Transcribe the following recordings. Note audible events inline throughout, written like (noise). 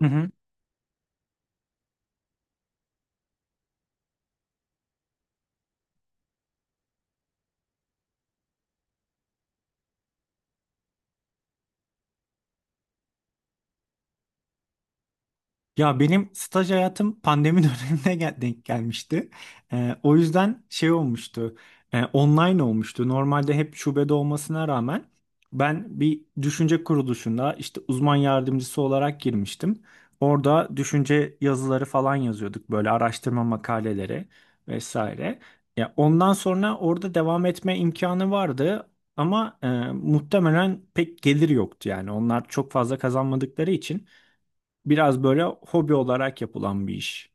Hı hı. Ya benim staj hayatım pandemi (laughs) dönemine denk gelmişti. O yüzden şey olmuştu. Online olmuştu. Normalde hep şubede olmasına rağmen ben bir düşünce kuruluşunda işte uzman yardımcısı olarak girmiştim. Orada düşünce yazıları falan yazıyorduk, böyle araştırma makaleleri vesaire. Ya ondan sonra orada devam etme imkanı vardı ama muhtemelen pek gelir yoktu, yani onlar çok fazla kazanmadıkları için. Biraz böyle hobi olarak yapılan bir iş.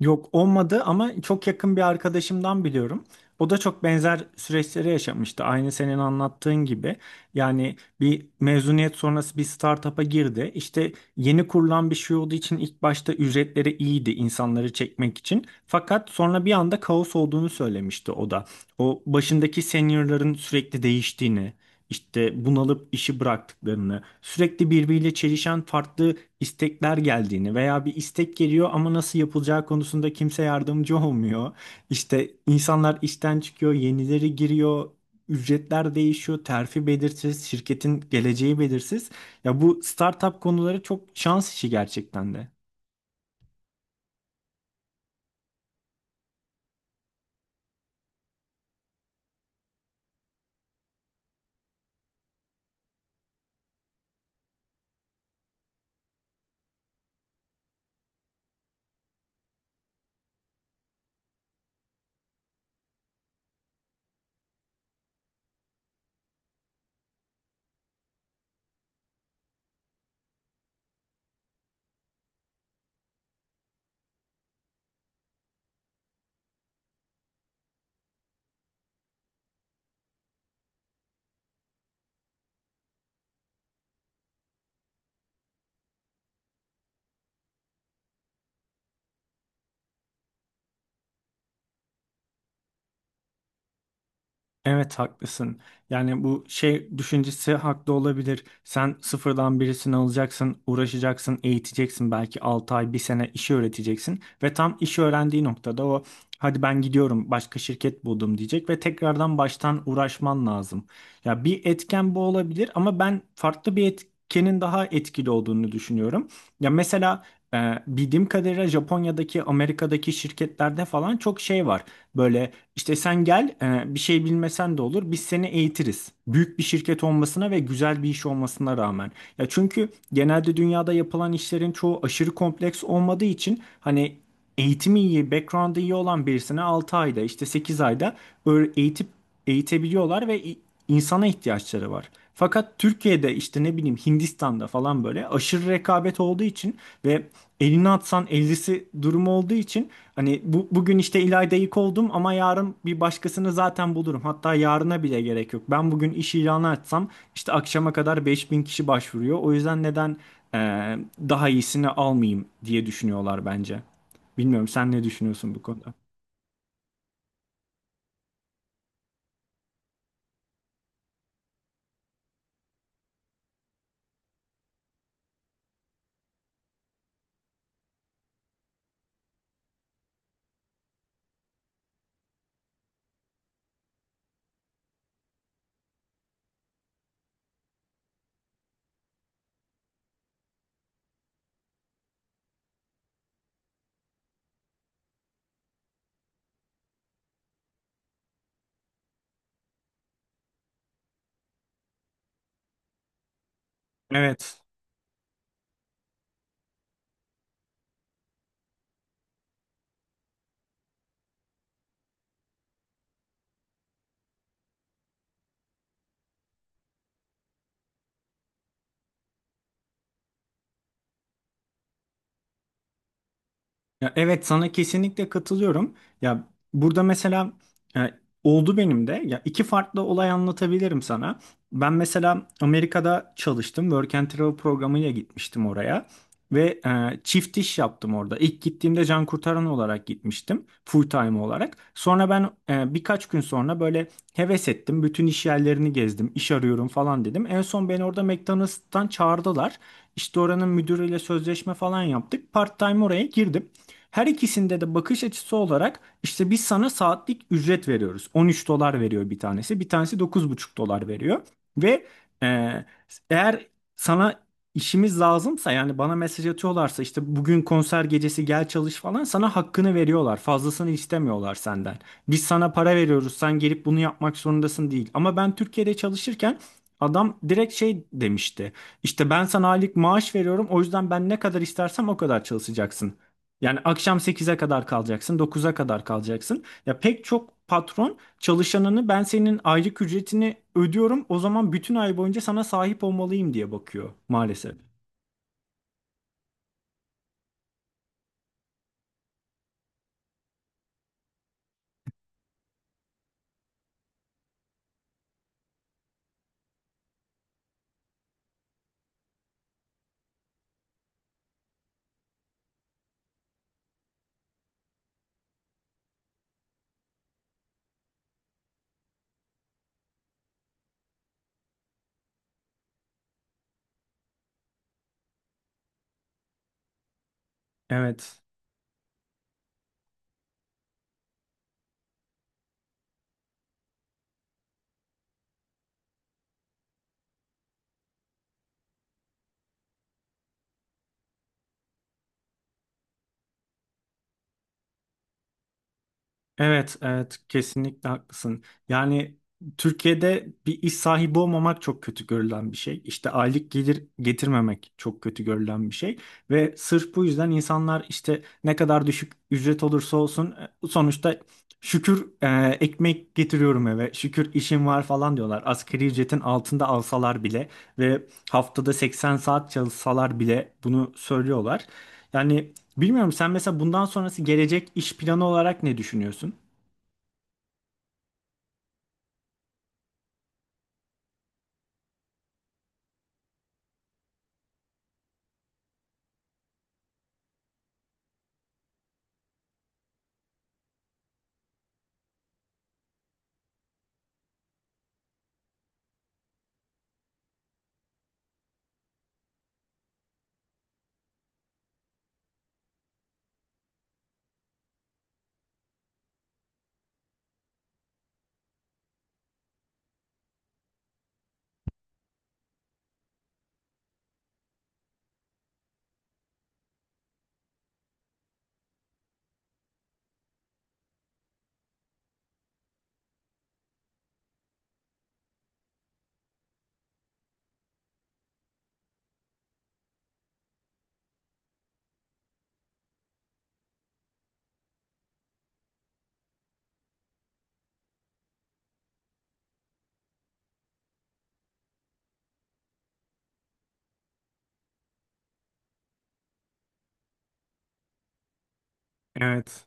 Yok, olmadı ama çok yakın bir arkadaşımdan biliyorum. O da çok benzer süreçleri yaşamıştı. Aynı senin anlattığın gibi. Yani bir mezuniyet sonrası bir startup'a girdi. İşte yeni kurulan bir şey olduğu için ilk başta ücretleri iyiydi, insanları çekmek için. Fakat sonra bir anda kaos olduğunu söylemişti o da. O başındaki seniorların sürekli değiştiğini, işte bunalıp işi bıraktıklarını, sürekli birbiriyle çelişen farklı istekler geldiğini veya bir istek geliyor ama nasıl yapılacağı konusunda kimse yardımcı olmuyor. İşte insanlar işten çıkıyor, yenileri giriyor, ücretler değişiyor, terfi belirsiz, şirketin geleceği belirsiz. Ya bu startup konuları çok şans işi gerçekten de. Evet, haklısın. Yani bu şey düşüncesi haklı olabilir. Sen sıfırdan birisini alacaksın, uğraşacaksın, eğiteceksin. Belki 6 ay, bir sene işi öğreteceksin. Ve tam işi öğrendiği noktada o hadi ben gidiyorum, başka şirket buldum diyecek ve tekrardan baştan uğraşman lazım. Ya bir etken bu olabilir ama ben farklı bir etkenin daha etkili olduğunu düşünüyorum. Ya mesela bildiğim kadarıyla Japonya'daki, Amerika'daki şirketlerde falan çok şey var. Böyle işte sen gel, bir şey bilmesen de olur. Biz seni eğitiriz. Büyük bir şirket olmasına ve güzel bir iş olmasına rağmen. Ya çünkü genelde dünyada yapılan işlerin çoğu aşırı kompleks olmadığı için hani eğitimi iyi, background'ı iyi olan birisine 6 ayda, işte sekiz ayda eğitip eğitebiliyorlar ve insana ihtiyaçları var. Fakat Türkiye'de işte ne bileyim Hindistan'da falan böyle aşırı rekabet olduğu için ve elini atsan ellisi durumu olduğu için hani bu, bugün işte İlayda ilk oldum ama yarın bir başkasını zaten bulurum. Hatta yarına bile gerek yok. Ben bugün iş ilanı açsam işte akşama kadar 5000 kişi başvuruyor. O yüzden neden e, daha iyisini almayayım diye düşünüyorlar bence. Bilmiyorum, sen ne düşünüyorsun bu konuda? Evet. Ya evet, sana kesinlikle katılıyorum. Ya burada mesela e, oldu benim de. Ya iki farklı olay anlatabilirim sana. Ben mesela Amerika'da çalıştım. Work and Travel programıyla gitmiştim oraya. Ve çift iş yaptım orada. İlk gittiğimde can kurtaran olarak gitmiştim. Full time olarak. Sonra ben birkaç gün sonra böyle heves ettim. Bütün iş yerlerini gezdim. İş arıyorum falan dedim. En son beni orada McDonald's'tan çağırdılar. İşte oranın müdürüyle sözleşme falan yaptık. Part time oraya girdim. Her ikisinde de bakış açısı olarak işte biz sana saatlik ücret veriyoruz. 13 dolar veriyor bir tanesi. Bir tanesi dokuz buçuk dolar veriyor. Ve e, Eğer sana işimiz lazımsa, yani bana mesaj atıyorlarsa işte bugün konser gecesi gel çalış falan, sana hakkını veriyorlar. Fazlasını istemiyorlar senden. Biz sana para veriyoruz, sen gelip bunu yapmak zorundasın değil. Ama ben Türkiye'de çalışırken adam direkt şey demişti. İşte ben sana aylık maaş veriyorum, o yüzden ben ne kadar istersem o kadar çalışacaksın. Yani akşam sekize kadar kalacaksın, dokuza kadar kalacaksın. Ya pek çok patron çalışanını ben senin aylık ücretini ödüyorum, o zaman bütün ay boyunca sana sahip olmalıyım diye bakıyor maalesef. Evet. Evet, evet, kesinlikle haklısın. Yani Türkiye'de bir iş sahibi olmamak çok kötü görülen bir şey. İşte aylık gelir getirmemek çok kötü görülen bir şey. Ve sırf bu yüzden insanlar işte ne kadar düşük ücret olursa olsun, sonuçta şükür, ekmek getiriyorum eve, şükür işim var falan diyorlar. Asgari ücretin altında alsalar bile ve haftada 80 saat çalışsalar bile bunu söylüyorlar. Yani bilmiyorum, sen mesela bundan sonrası gelecek iş planı olarak ne düşünüyorsun? Evet.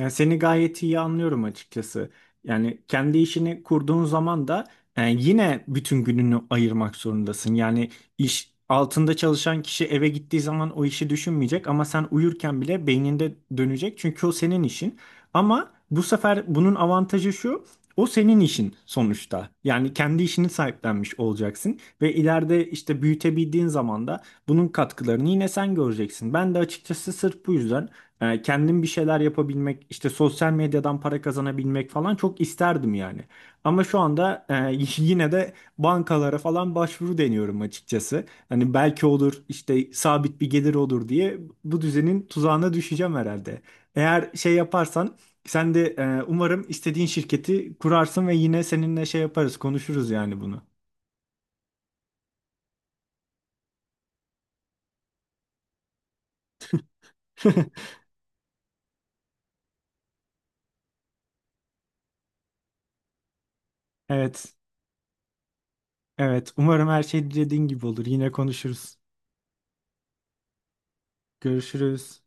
Yani seni gayet iyi anlıyorum açıkçası. Yani kendi işini kurduğun zaman da yine bütün gününü ayırmak zorundasın. Yani iş altında çalışan kişi eve gittiği zaman o işi düşünmeyecek ama sen uyurken bile beyninde dönecek. Çünkü o senin işin. Ama bu sefer bunun avantajı şu. O senin işin sonuçta. Yani kendi işini sahiplenmiş olacaksın ve ileride işte büyütebildiğin zaman da bunun katkılarını yine sen göreceksin. Ben de açıkçası sırf bu yüzden kendim bir şeyler yapabilmek, işte sosyal medyadan para kazanabilmek falan çok isterdim yani. Ama şu anda (laughs) yine de bankalara falan başvuru deniyorum açıkçası. Hani belki olur, işte sabit bir gelir olur diye bu düzenin tuzağına düşeceğim herhalde. Eğer şey yaparsan sen de umarım istediğin şirketi kurarsın ve yine seninle şey yaparız, konuşuruz yani bunu. (laughs) Evet, evet. Umarım her şey dediğin gibi olur. Yine konuşuruz. Görüşürüz.